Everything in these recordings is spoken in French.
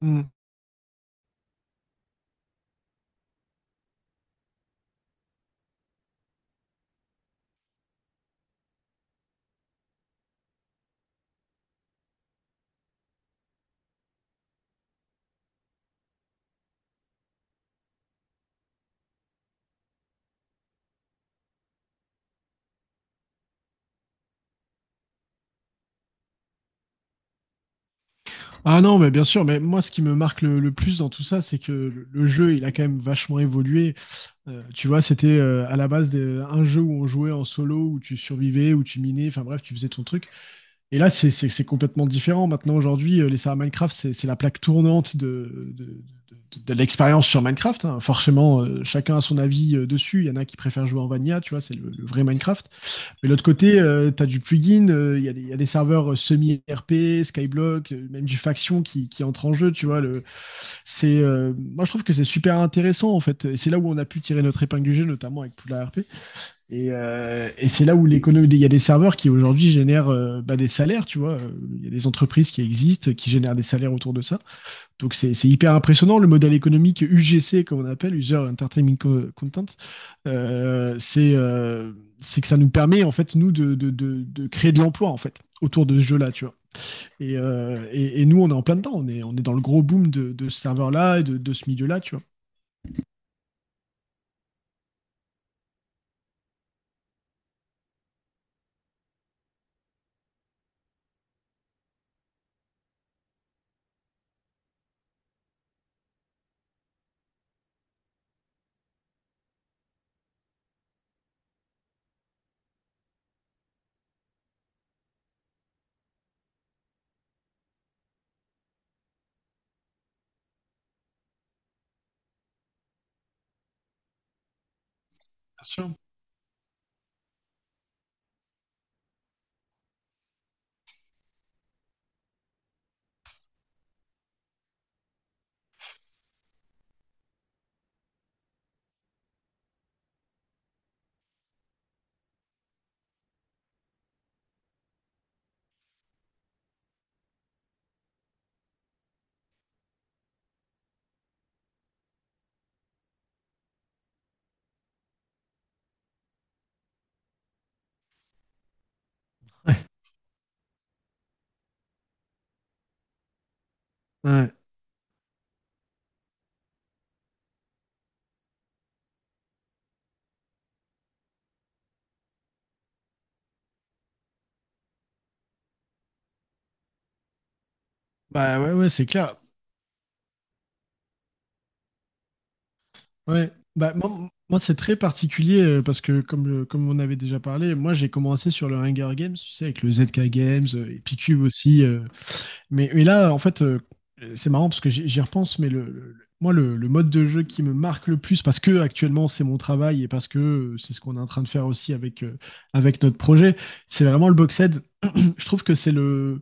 Mmh. Ah non, mais bien sûr, mais moi ce qui me marque le plus dans tout ça, c'est que le jeu, il a quand même vachement évolué. Tu vois, c'était à la base un jeu où on jouait en solo, où tu survivais, où tu minais, enfin bref, tu faisais ton truc. Et là, c'est complètement différent. Maintenant, aujourd'hui, les serveurs Minecraft, c'est la plaque tournante de l'expérience sur Minecraft, hein. Forcément, chacun a son avis dessus. Il y en a qui préfèrent jouer en Vanilla, tu vois, c'est le vrai Minecraft. Mais de l'autre côté, tu as du plugin, il y a des serveurs semi-RP, Skyblock, même du faction qui entre en jeu, tu vois. Moi, je trouve que c'est super intéressant, en fait. Et c'est là où on a pu tirer notre épingle du jeu, notamment avec Poudlard RP. Et c'est là où l'économie, il y a des serveurs qui aujourd'hui génèrent bah, des salaires, tu vois. Il y a des entreprises qui existent, qui génèrent des salaires autour de ça. Donc c'est hyper impressionnant. Le modèle économique UGC, comme on appelle, Content, euh, c'est euh, c'est que ça nous permet, en fait, nous, de créer de l'emploi, en fait, autour de ce jeu-là, tu vois. Et nous, on est en plein dedans. On est dans le gros boom de ce serveur-là et de ce milieu-là, tu vois. Bien sûr. Ouais. Ouais. Bah ouais, ouais, c'est clair. Ouais. Bah, moi, c'est très particulier parce que, comme, comme on avait déjà parlé, moi, j'ai commencé sur le Hunger Games, tu sais, avec le ZK Games, et Picube aussi. Mais là, en fait, c'est marrant parce que j'y repense, mais le mode de jeu qui me marque le plus, parce que actuellement, c'est mon travail et parce que c'est ce qu'on est en train de faire aussi avec, avec notre projet, c'est vraiment le Boxed. Je trouve que c'est le.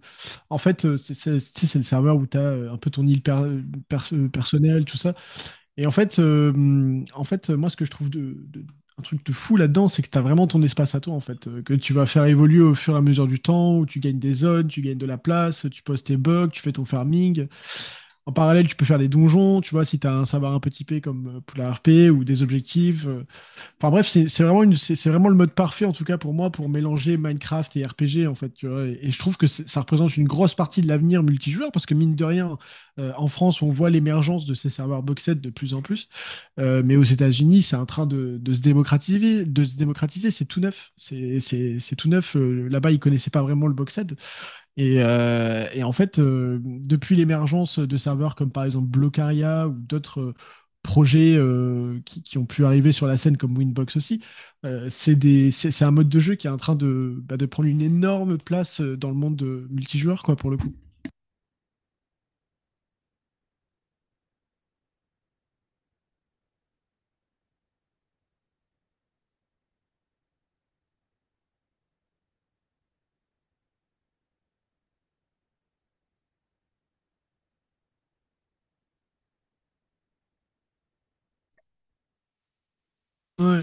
En fait, tu sais, c'est le serveur où tu as un peu ton personnelle, tout ça. Et en fait, moi, ce que je trouve un truc de fou là-dedans, c'est que tu as vraiment ton espace à toi, en fait, que tu vas faire évoluer au fur et à mesure du temps, où tu gagnes des zones, tu gagnes de la place, tu poses tes bugs, tu fais ton farming. En parallèle, tu peux faire des donjons, tu vois, si tu as un savoir un peu typé comme pour la RP ou des objectifs. Enfin bref, c'est vraiment, c'est vraiment le mode parfait, en tout cas pour moi, pour mélanger Minecraft et RPG, en fait. Tu vois. Et je trouve que ça représente une grosse partie de l'avenir multijoueur, parce que mine de rien, en France, on voit l'émergence de ces serveurs boxed de plus en plus. Mais aux États-Unis, c'est en train de se démocratiser. De se démocratiser, c'est tout neuf. C'est tout neuf. Là-bas, ils connaissaient pas vraiment le boxed. Et en fait, depuis l'émergence de serveurs comme par exemple Blocaria ou d'autres projets qui ont pu arriver sur la scène comme Winbox aussi, c'est un mode de jeu qui est en train de, bah, de prendre une énorme place dans le monde de multijoueur, quoi, pour le coup. Ouais,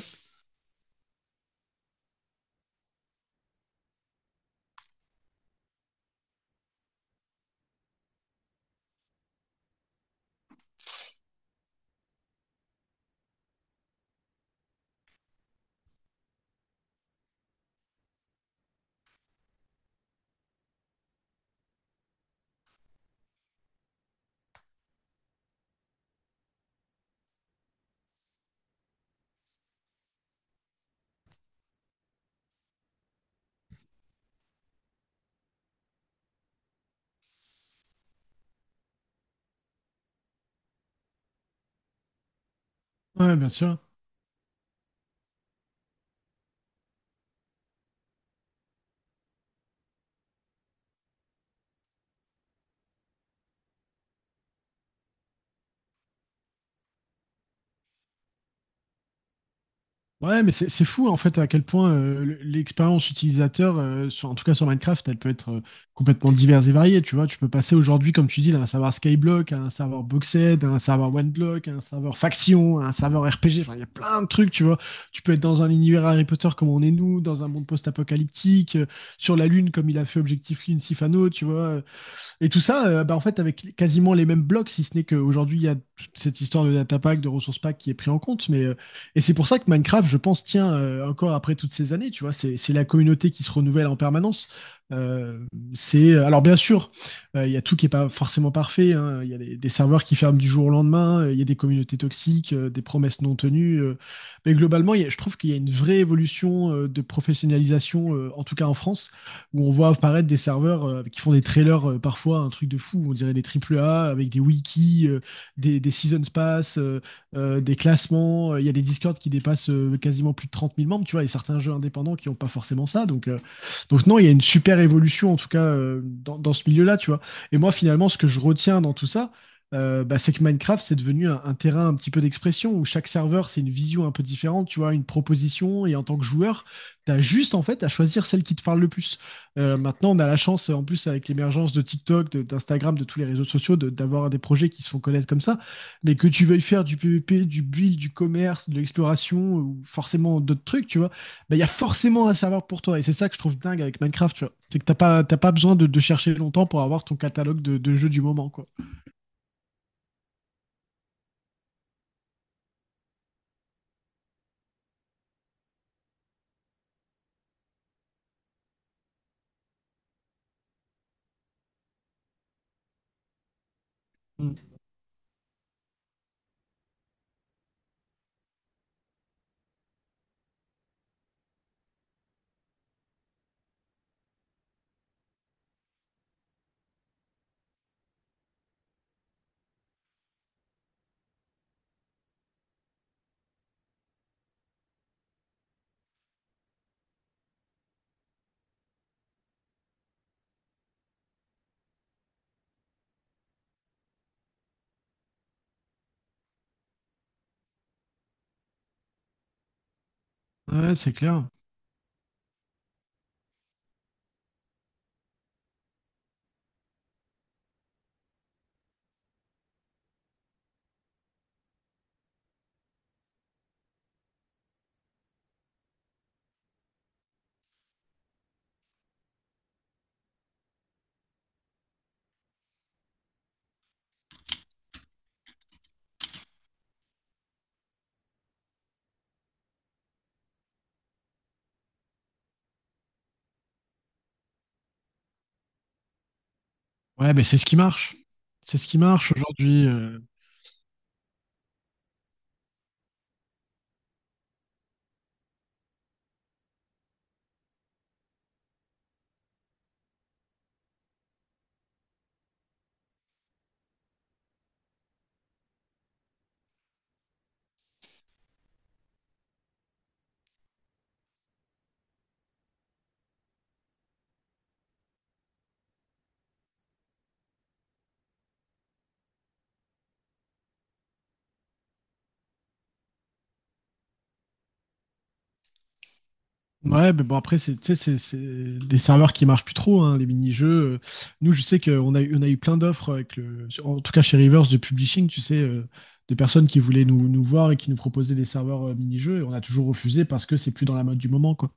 ouais, bien sûr. Ouais, mais c'est fou en fait à quel point l'expérience utilisateur, en tout cas sur Minecraft, elle peut être complètement diverse et variée. Tu vois, tu peux passer aujourd'hui, comme tu dis, d'un serveur Skyblock à un serveur Boxed, à un serveur OneBlock, à un serveur Faction, à un serveur RPG. Enfin, il y a plein de trucs, tu vois. Tu peux être dans un univers Harry Potter comme on est nous, dans un monde post-apocalyptique, sur la Lune comme il a fait Objectif Lune Sifano, tu vois. Et tout ça, bah, en fait, avec quasiment les mêmes blocs, si ce n'est qu'aujourd'hui, il y a cette histoire de data pack, de ressources pack qui est pris en compte. Mais, et c'est pour ça que Minecraft, je pense, tient encore après toutes ces années, tu vois, c'est la communauté qui se renouvelle en permanence. Euh, c'est Alors bien sûr, il y a tout qui est pas forcément parfait, hein. Il y a des serveurs qui ferment du jour au lendemain. Il y a des communautés toxiques, des promesses non tenues. Mais globalement, je trouve qu'il y a une vraie évolution de professionnalisation, en tout cas en France, où on voit apparaître des serveurs qui font des trailers parfois un truc de fou, on dirait des triple A avec des wikis, des seasons pass, des classements. Il y a des Discord qui dépassent quasiment plus de 30 000 membres, tu vois, et certains jeux indépendants qui n'ont pas forcément ça. Donc non, il y a une super évolution en tout cas dans ce milieu-là, tu vois. Et moi, finalement, ce que je retiens dans tout ça, bah, c'est que Minecraft, c'est devenu un terrain un petit peu d'expression où chaque serveur, c'est une vision un peu différente, tu vois, une proposition. Et en tant que joueur, t'as juste en fait à choisir celle qui te parle le plus. Maintenant, on a la chance, en plus, avec l'émergence de TikTok, d'Instagram, de tous les réseaux sociaux, d'avoir des projets qui se font connaître comme ça. Mais que tu veuilles faire du PVP, du build, du commerce, de l'exploration, ou forcément d'autres trucs, tu vois, bah, il y a forcément un serveur pour toi. Et c'est ça que je trouve dingue avec Minecraft, tu vois. C'est que t'as pas besoin de chercher longtemps pour avoir ton catalogue de jeux du moment, quoi. Mm. Ouais, c'est clair. Ouais, mais c'est ce qui marche. C'est ce qui marche aujourd'hui. Ouais, mais bon, après, c'est, tu sais, c'est des serveurs qui marchent plus trop, hein, les mini-jeux. Euh, Nous, je sais qu'on on a eu plein d'offres avec le, en tout cas chez Rivers de publishing, tu sais, de personnes qui voulaient nous voir et qui nous proposaient des serveurs mini-jeux, et on a toujours refusé parce que c'est plus dans la mode du moment, quoi.